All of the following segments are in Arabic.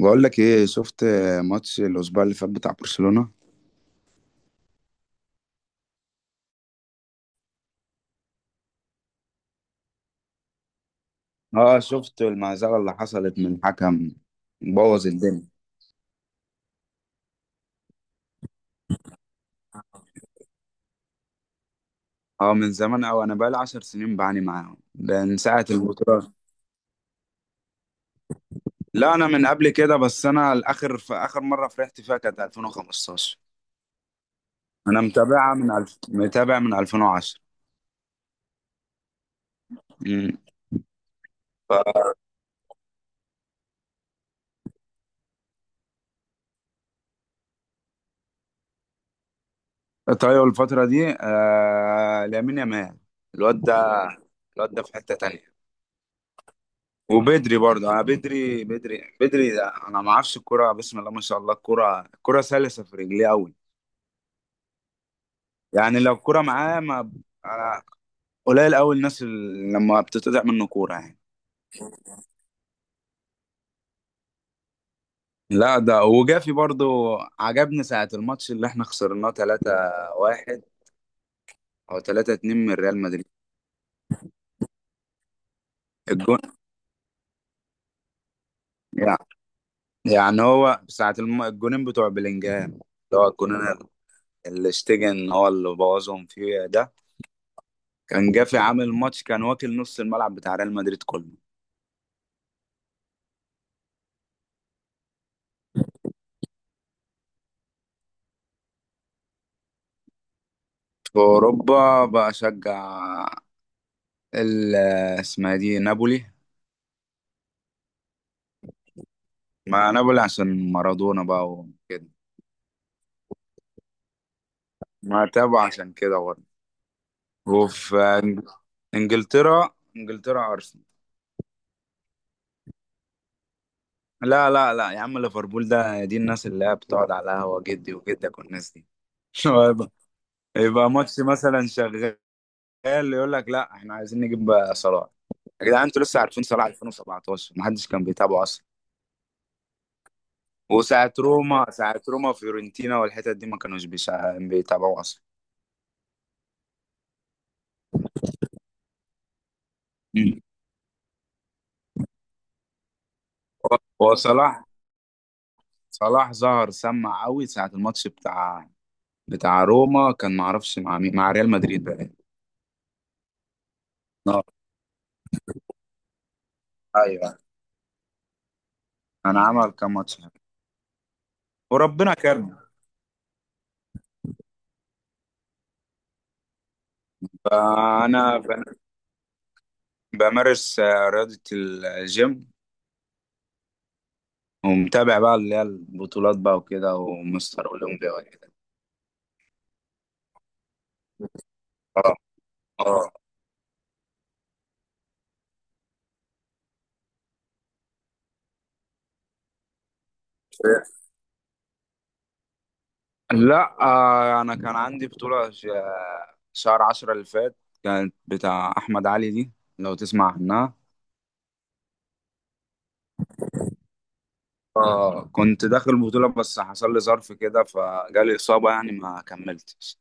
بقول لك ايه؟ شفت ماتش الاسبوع اللي فات بتاع برشلونة؟ اه، شفت المهزله اللي حصلت من الحكم، بوظ الدنيا. اه، من زمان قوي، انا بقالي 10 سنين بعاني معاهم، ده من ساعه البطوله. لا انا من قبل كده، بس انا الاخر في اخر مره فرحت فيها كانت 2015. انا متابعها من متابع من 2010. امم ف- طيب الفتره دي لامين يامال، الواد ده، الواد ده في حته تانية. وبدري برضه، انا بدري، ده انا ما اعرفش الكرة، بسم الله ما شاء الله، الكرة، الكرة سلسة في رجليه قوي. يعني لو الكرة معاه، ما أنا قليل قوي الناس اللي لما بتتقطع منه كورة، يعني. لا ده وجافي برضه، عجبني ساعة الماتش اللي احنا خسرناه 3-1 او 3-2 من ريال مدريد. الجون يعني يعني هو ساعة الجونين بتوع بلينجهام، اللي هو الجونين اللي اشتجن، هو اللي بوظهم فيه ده. كان جافي، عامل ماتش، كان واكل نص الملعب بتاع ريال مدريد كله. في أوروبا بشجع ال اسمها دي نابولي، مع نابولي عشان مارادونا بقى وكده، ما تابع عشان كده برضه. وفي إنج- إنجلترا، إنجلترا أرسنال. لا لا لا يا عم، ليفربول ده دي الناس اللي هي بتقعد على القهوة، جدي وجدك والناس دي. يبقى يبقى ماتش مثلا شغال، يقول لك لا احنا عايزين نجيب صلاح. يا جدعان انتوا لسه عارفين صلاح؟ 2017 ما حدش كان بيتابعه. وساعة روما، ساعة روما فيورنتينا والحتت دي ما كانوش بيتابعوا أصلا. مم. هو هو صلاح، صلاح ظهر سمع قوي ساعة الماتش بتاع، بتاع روما، كان معرفش مع مين، مع ريال مدريد بقى. آه، أيوه، أنا عمل كام ماتش. وربنا كرم، فأنا ب- بمارس رياضة الجيم، ومتابع بقى اللي هي البطولات بقى وكده، ومستر أولمبيا وكده. اه، اه. لا انا كان عندي بطولة شهر عشرة اللي فات، كانت بتاع احمد علي دي، لو تسمع عنها. كنت داخل البطولة، بس حصل لي ظرف كده، فجالي اصابة، يعني ما كملتش.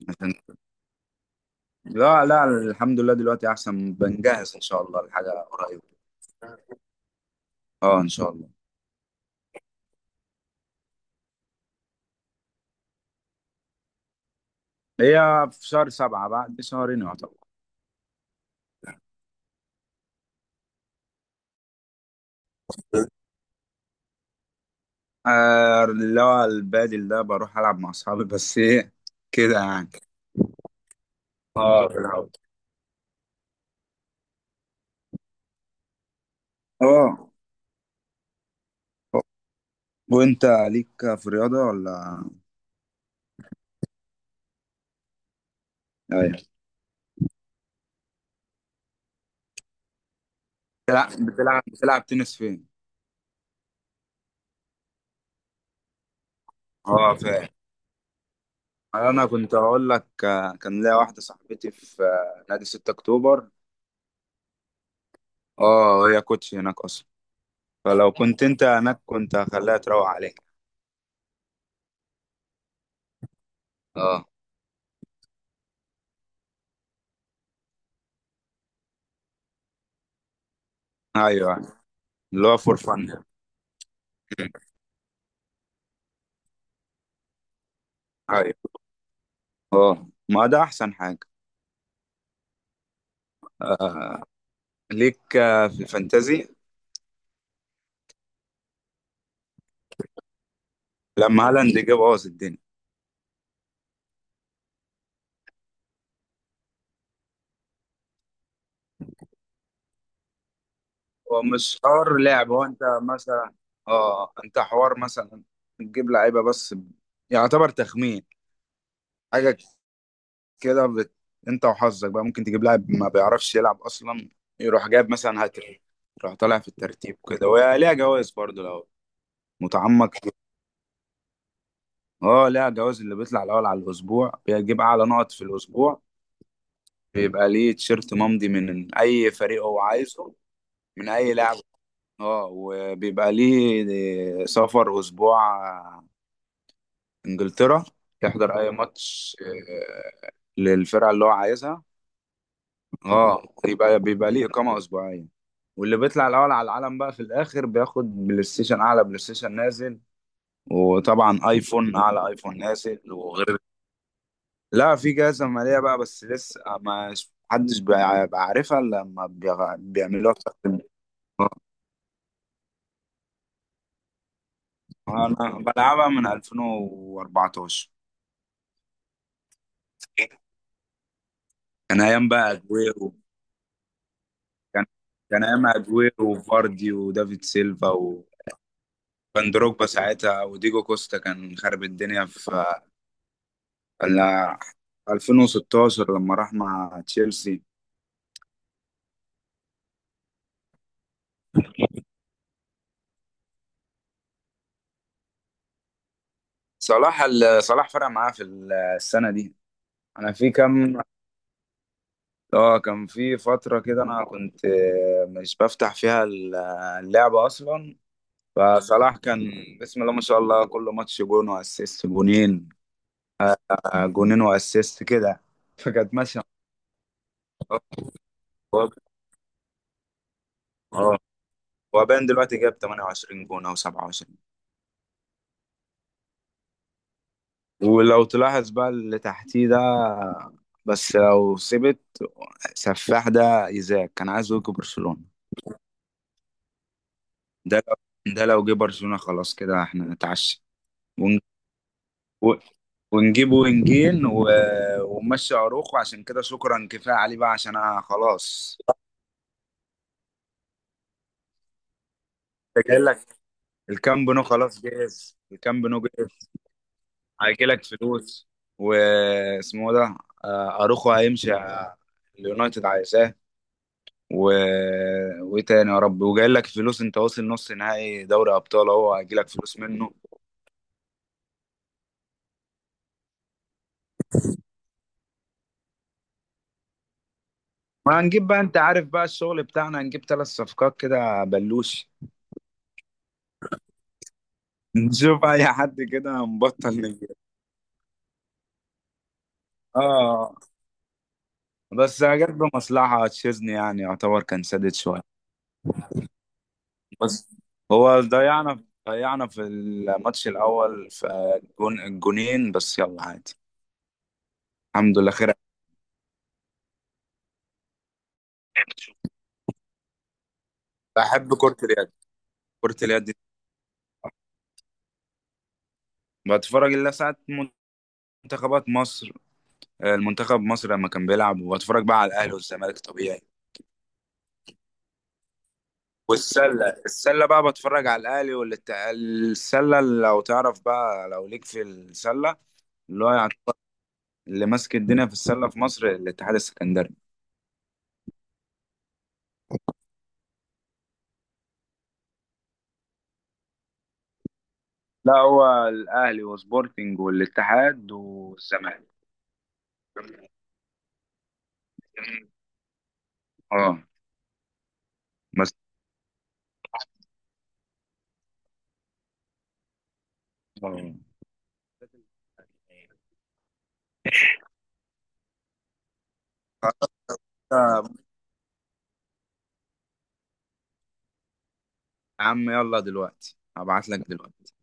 لكن- لا لا، الحمد لله دلوقتي احسن، بنجهز ان شاء الله لحاجة قريبة. اه ان شاء الله. هي في شهر سبعة، بعد شهرين يعتبر. اللي هو البادل ده، بروح العب مع اصحابي، بس ايه، كده يعني. اه في الأول. اه، وانت ليك في الرياضة ولا؟ ايوه، بتلعب تنس فين؟ اه فاهم. انا كنت هقول لك كان ليا واحدة صاحبتي في نادي 6 اكتوبر، اه هي كوتش هناك اصلا، فلو كنت انت هناك كنت هخليها تروق عليك. اه ايوه، اللي هو فور فن. ايوه، اه، ما ده احسن حاجة. آه. ليك في الفانتازي؟ لما هالاند جه بوظ الدنيا. هو مش حوار لعب، هو انت مثلا، اه انت حوار مثلا تجيب لعيبه، يعتبر تخمين حاجه كده انت وحظك بقى، ممكن تجيب لاعب ما بيعرفش يلعب اصلا، يروح جايب مثلا هاتريك، يروح طالع في الترتيب كده. وهي ليها جوائز برضه لو متعمق فيها. اه ليها جوائز، اللي بيطلع الاول على الاسبوع، بيجيب اعلى نقط في الاسبوع، بيبقى ليه تيشيرت ممضي من اي فريق هو عايزه، من اي لاعب. اه، وبيبقى ليه سفر اسبوع انجلترا يحضر اي ماتش، آه، للفرقه اللي هو عايزها. اه، يبقى بيبقى ليه اقامه اسبوعيه. واللي بيطلع الاول على العالم بقى في الاخر، بياخد بلاي ستيشن، اعلى بلاي ستيشن نازل، وطبعا ايفون، اعلى ايفون نازل، وغير. لا في جائزه ماليه بقى، بس لسه ما بيعرفها، الا لما بيعملوها انا بلعبها من 2014. كان ايام بقى اجويرو، كان كان ايام اجويرو وفاردي ودافيد سيلفا وفان دروجبا ساعتها، وديجو كوستا كان خرب الدنيا في ال- 2016 لما راح مع تشيلسي. صلاح صلاح فرق معاه في السنة دي، انا في كام. اه، كان في فترة كده انا كنت مش بفتح فيها اللعبة اصلا. فصلاح كان بسم الله ما شاء الله كل ماتش جون واسيست، جونين، جونين واسيست كده، فكانت ماشية. اه، آه، هو باين دلوقتي جاب 28 جون او 27. ولو تلاحظ بقى اللي تحتيه ده، بس لو سبت سفاح ده إيزاك كان عايزه يجي برشلونة. ده لو ده لو جه برشلونة، خلاص كده احنا نتعشى. ون- و- ونجيب وينجين و... ونمشي اروخو، عشان كده شكرا كفاية عليه بقى، عشان انا خلاص كنت جاي لك. الكامب نو خلاص جاهز، الكامب نو جاهز. هيجي لك فلوس، واسمه ده، اروخو هيمشي، اليونايتد عايزاه، و... وايه تاني يا رب، وجاي لك فلوس، انت واصل نص نهائي دوري ابطال اهو، هيجي لك فلوس منه. وهنجيب بقى، انت عارف بقى الشغل بتاعنا، هنجيب ثلاث صفقات كده بلوش. نشوف اي حد كده مبطل نجيب. اه، بس جت بمصلحة تشيزني يعني، يعتبر كان سادد شوية. بس هو ضيعنا في الماتش الاول في الجون، الجونين، بس يلا عادي. الحمد لله خير. بحب كرة اليد. كرة اليد دي، بتفرج الا ساعات، منتخبات مصر المنتخب مصر لما كان بيلعب، وبتفرج بقى على الاهلي والزمالك طبيعي. والسله، السله بقى بتفرج على الاهلي السله اللي، لو تعرف بقى لو ليك في السله، اللي هو يعني، اللي ماسك الدنيا في السله في مصر الاتحاد السكندري. لا هو الاهلي وسبورتنج والاتحاد والزمالك. اه، بس آه. يا عم يلا، دلوقتي هبعت لك دلوقتي.